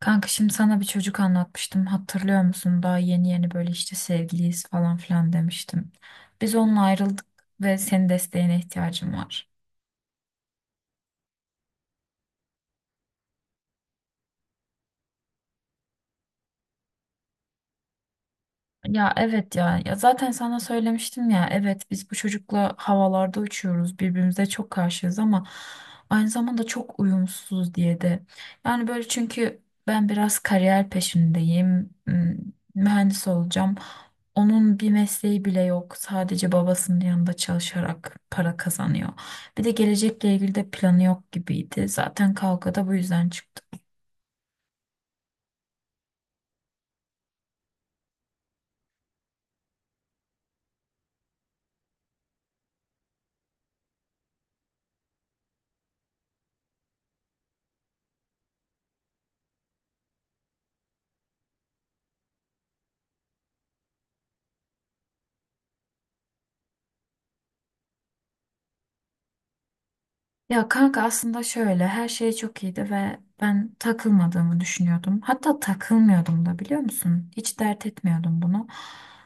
Kanka şimdi sana bir çocuk anlatmıştım. Hatırlıyor musun? Daha yeni yeni böyle işte sevgiliyiz falan filan demiştim. Biz onunla ayrıldık ve senin desteğine ihtiyacım var. Ya evet ya. Ya zaten sana söylemiştim ya. Evet biz bu çocukla havalarda uçuyoruz. Birbirimize çok karşıyız ama aynı zamanda çok uyumsuzuz diye de. Yani böyle çünkü ben biraz kariyer peşindeyim. Mühendis olacağım. Onun bir mesleği bile yok. Sadece babasının yanında çalışarak para kazanıyor. Bir de gelecekle ilgili de planı yok gibiydi. Zaten kavga da bu yüzden çıktı. Ya kanka aslında şöyle her şey çok iyiydi ve ben takılmadığımı düşünüyordum. Hatta takılmıyordum da biliyor musun? Hiç dert etmiyordum bunu.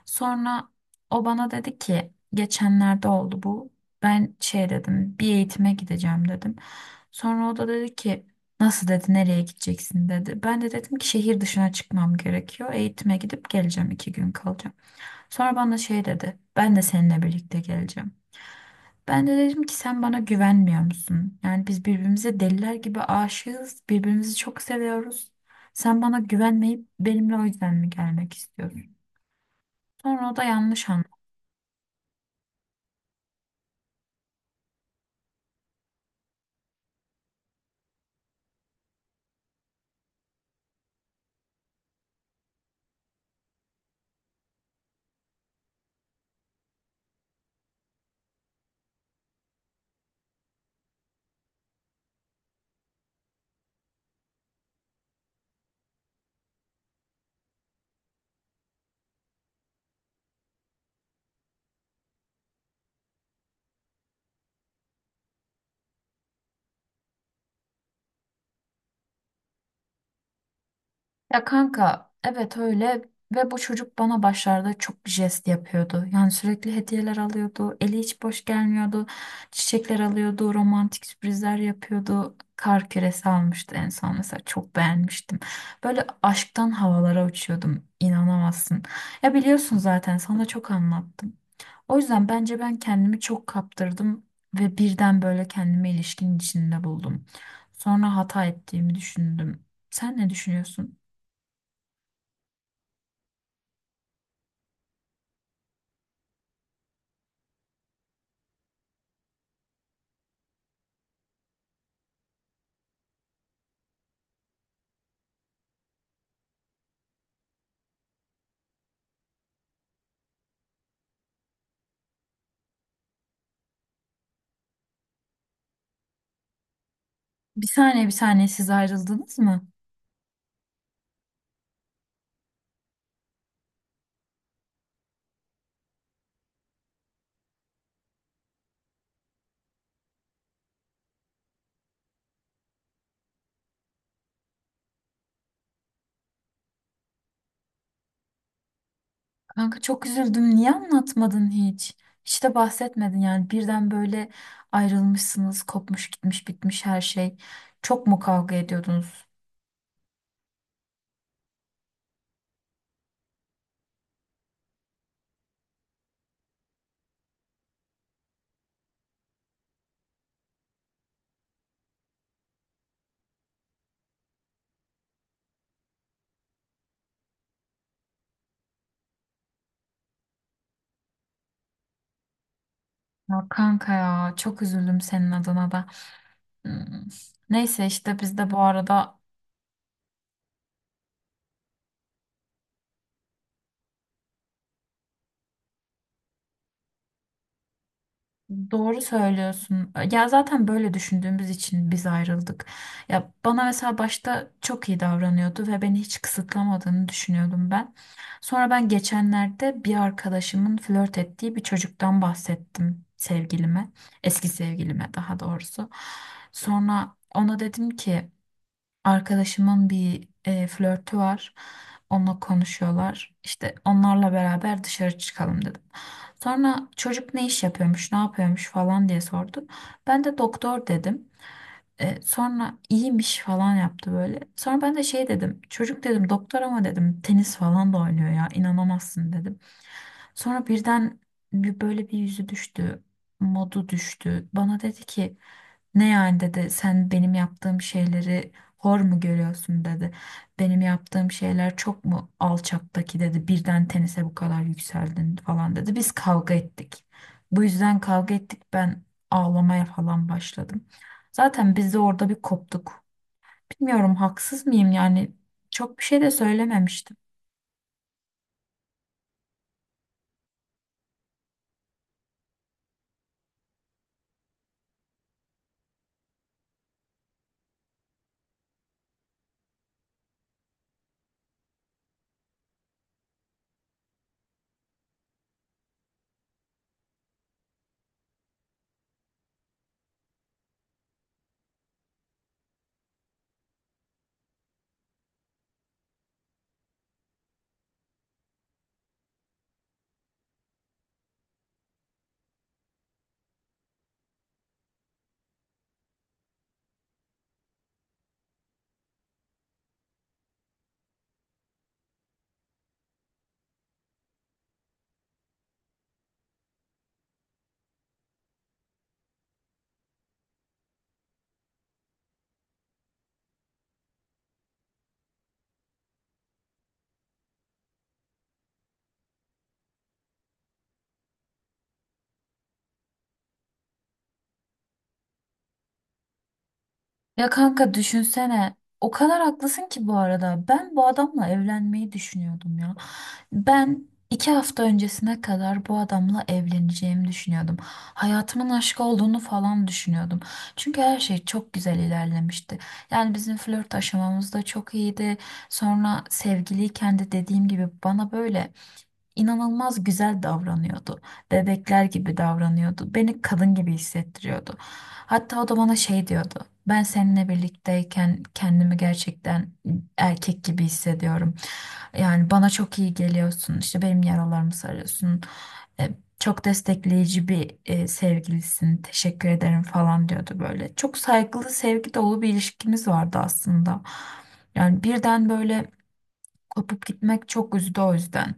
Sonra o bana dedi ki geçenlerde oldu bu. Ben şey dedim bir eğitime gideceğim dedim. Sonra o da dedi ki nasıl dedi nereye gideceksin dedi. Ben de dedim ki şehir dışına çıkmam gerekiyor. Eğitime gidip geleceğim iki gün kalacağım. Sonra bana şey dedi ben de seninle birlikte geleceğim. Ben de dedim ki sen bana güvenmiyor musun? Yani biz birbirimize deliler gibi aşığız. Birbirimizi çok seviyoruz. Sen bana güvenmeyip benimle o yüzden mi gelmek istiyorsun? Sonra o da yanlış. Ya kanka evet öyle ve bu çocuk bana başlarda çok jest yapıyordu. Yani sürekli hediyeler alıyordu, eli hiç boş gelmiyordu, çiçekler alıyordu, romantik sürprizler yapıyordu. Kar küresi almıştı en son mesela çok beğenmiştim. Böyle aşktan havalara uçuyordum inanamazsın. Ya biliyorsun zaten sana çok anlattım. O yüzden bence ben kendimi çok kaptırdım ve birden böyle kendimi ilişkinin içinde buldum. Sonra hata ettiğimi düşündüm. Sen ne düşünüyorsun? Bir saniye bir saniye siz ayrıldınız mı? Kanka çok üzüldüm. Niye anlatmadın hiç? Hiç de bahsetmedin yani. Birden böyle ayrılmışsınız. Kopmuş gitmiş bitmiş her şey. Çok mu kavga ediyordunuz? Ya kanka ya çok üzüldüm senin adına da. Hmm. Neyse işte biz de bu arada doğru söylüyorsun. Ya zaten böyle düşündüğümüz için biz ayrıldık. Ya bana mesela başta çok iyi davranıyordu ve beni hiç kısıtlamadığını düşünüyordum ben. Sonra ben geçenlerde bir arkadaşımın flört ettiği bir çocuktan bahsettim sevgilime. Eski sevgilime daha doğrusu. Sonra ona dedim ki arkadaşımın bir flörtü var. Onunla konuşuyorlar. İşte onlarla beraber dışarı çıkalım dedim. Sonra çocuk ne iş yapıyormuş, ne yapıyormuş falan diye sordu. Ben de doktor dedim. Sonra iyiymiş falan yaptı böyle. Sonra ben de şey dedim. Çocuk dedim doktor ama dedim tenis falan da oynuyor ya inanamazsın dedim. Sonra birden böyle bir yüzü düştü, modu düştü. Bana dedi ki ne yani dedi sen benim yaptığım şeyleri hor mu görüyorsun dedi. Benim yaptığım şeyler çok mu alçaktaki dedi birden tenise bu kadar yükseldin falan dedi. Biz kavga ettik. Bu yüzden kavga ettik ben ağlamaya falan başladım. Zaten biz de orada bir koptuk. Bilmiyorum haksız mıyım yani çok bir şey de söylememişti. Ya kanka düşünsene. O kadar haklısın ki bu arada. Ben bu adamla evlenmeyi düşünüyordum ya. Ben iki hafta öncesine kadar bu adamla evleneceğimi düşünüyordum. Hayatımın aşkı olduğunu falan düşünüyordum. Çünkü her şey çok güzel ilerlemişti. Yani bizim flört aşamamız da çok iyiydi. Sonra sevgiliyken de dediğim gibi bana böyle inanılmaz güzel davranıyordu. Bebekler gibi davranıyordu. Beni kadın gibi hissettiriyordu. Hatta o da bana şey diyordu. Ben seninle birlikteyken kendimi gerçekten erkek gibi hissediyorum. Yani bana çok iyi geliyorsun. İşte benim yaralarımı sarıyorsun. E, Çok destekleyici bir sevgilisin. Teşekkür ederim falan diyordu böyle. Çok saygılı, sevgi dolu bir ilişkimiz vardı aslında. Yani birden böyle kopup gitmek çok üzdü o yüzden.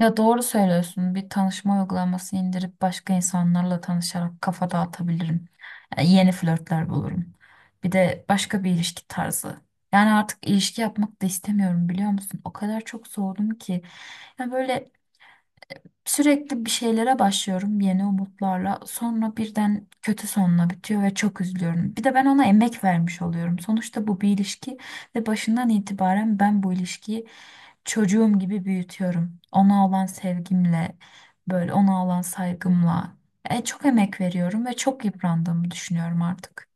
Ya doğru söylüyorsun. Bir tanışma uygulaması indirip başka insanlarla tanışarak kafa dağıtabilirim. Yani yeni flörtler bulurum. Bir de başka bir ilişki tarzı. Yani artık ilişki yapmak da istemiyorum biliyor musun? O kadar çok soğudum ki. Ya böyle sürekli bir şeylere başlıyorum yeni umutlarla. Sonra birden kötü sonla bitiyor ve çok üzülüyorum. Bir de ben ona emek vermiş oluyorum. Sonuçta bu bir ilişki ve başından itibaren ben bu ilişkiyi çocuğum gibi büyütüyorum. Ona olan sevgimle, böyle ona olan saygımla. Çok emek veriyorum ve çok yıprandığımı düşünüyorum artık.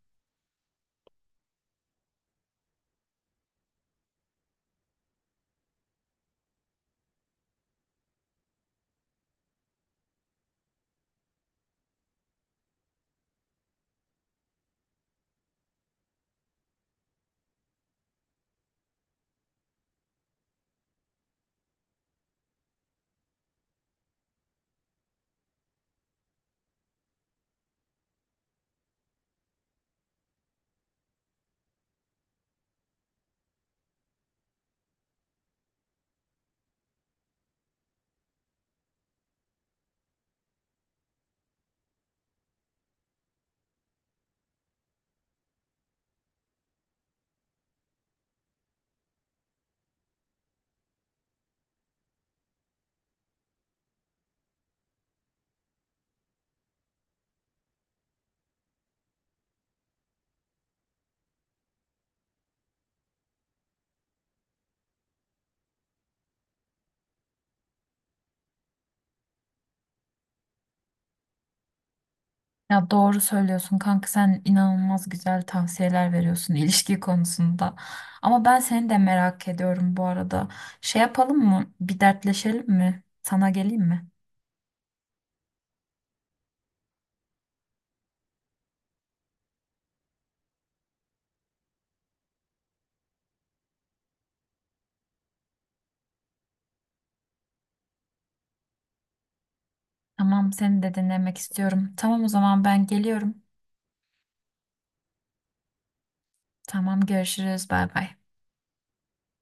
Ya doğru söylüyorsun kanka sen inanılmaz güzel tavsiyeler veriyorsun ilişki konusunda. Ama ben seni de merak ediyorum bu arada. Şey yapalım mı? Bir dertleşelim mi? Sana geleyim mi? Tamam seni de dinlemek istiyorum. Tamam o zaman ben geliyorum. Tamam görüşürüz bay bay.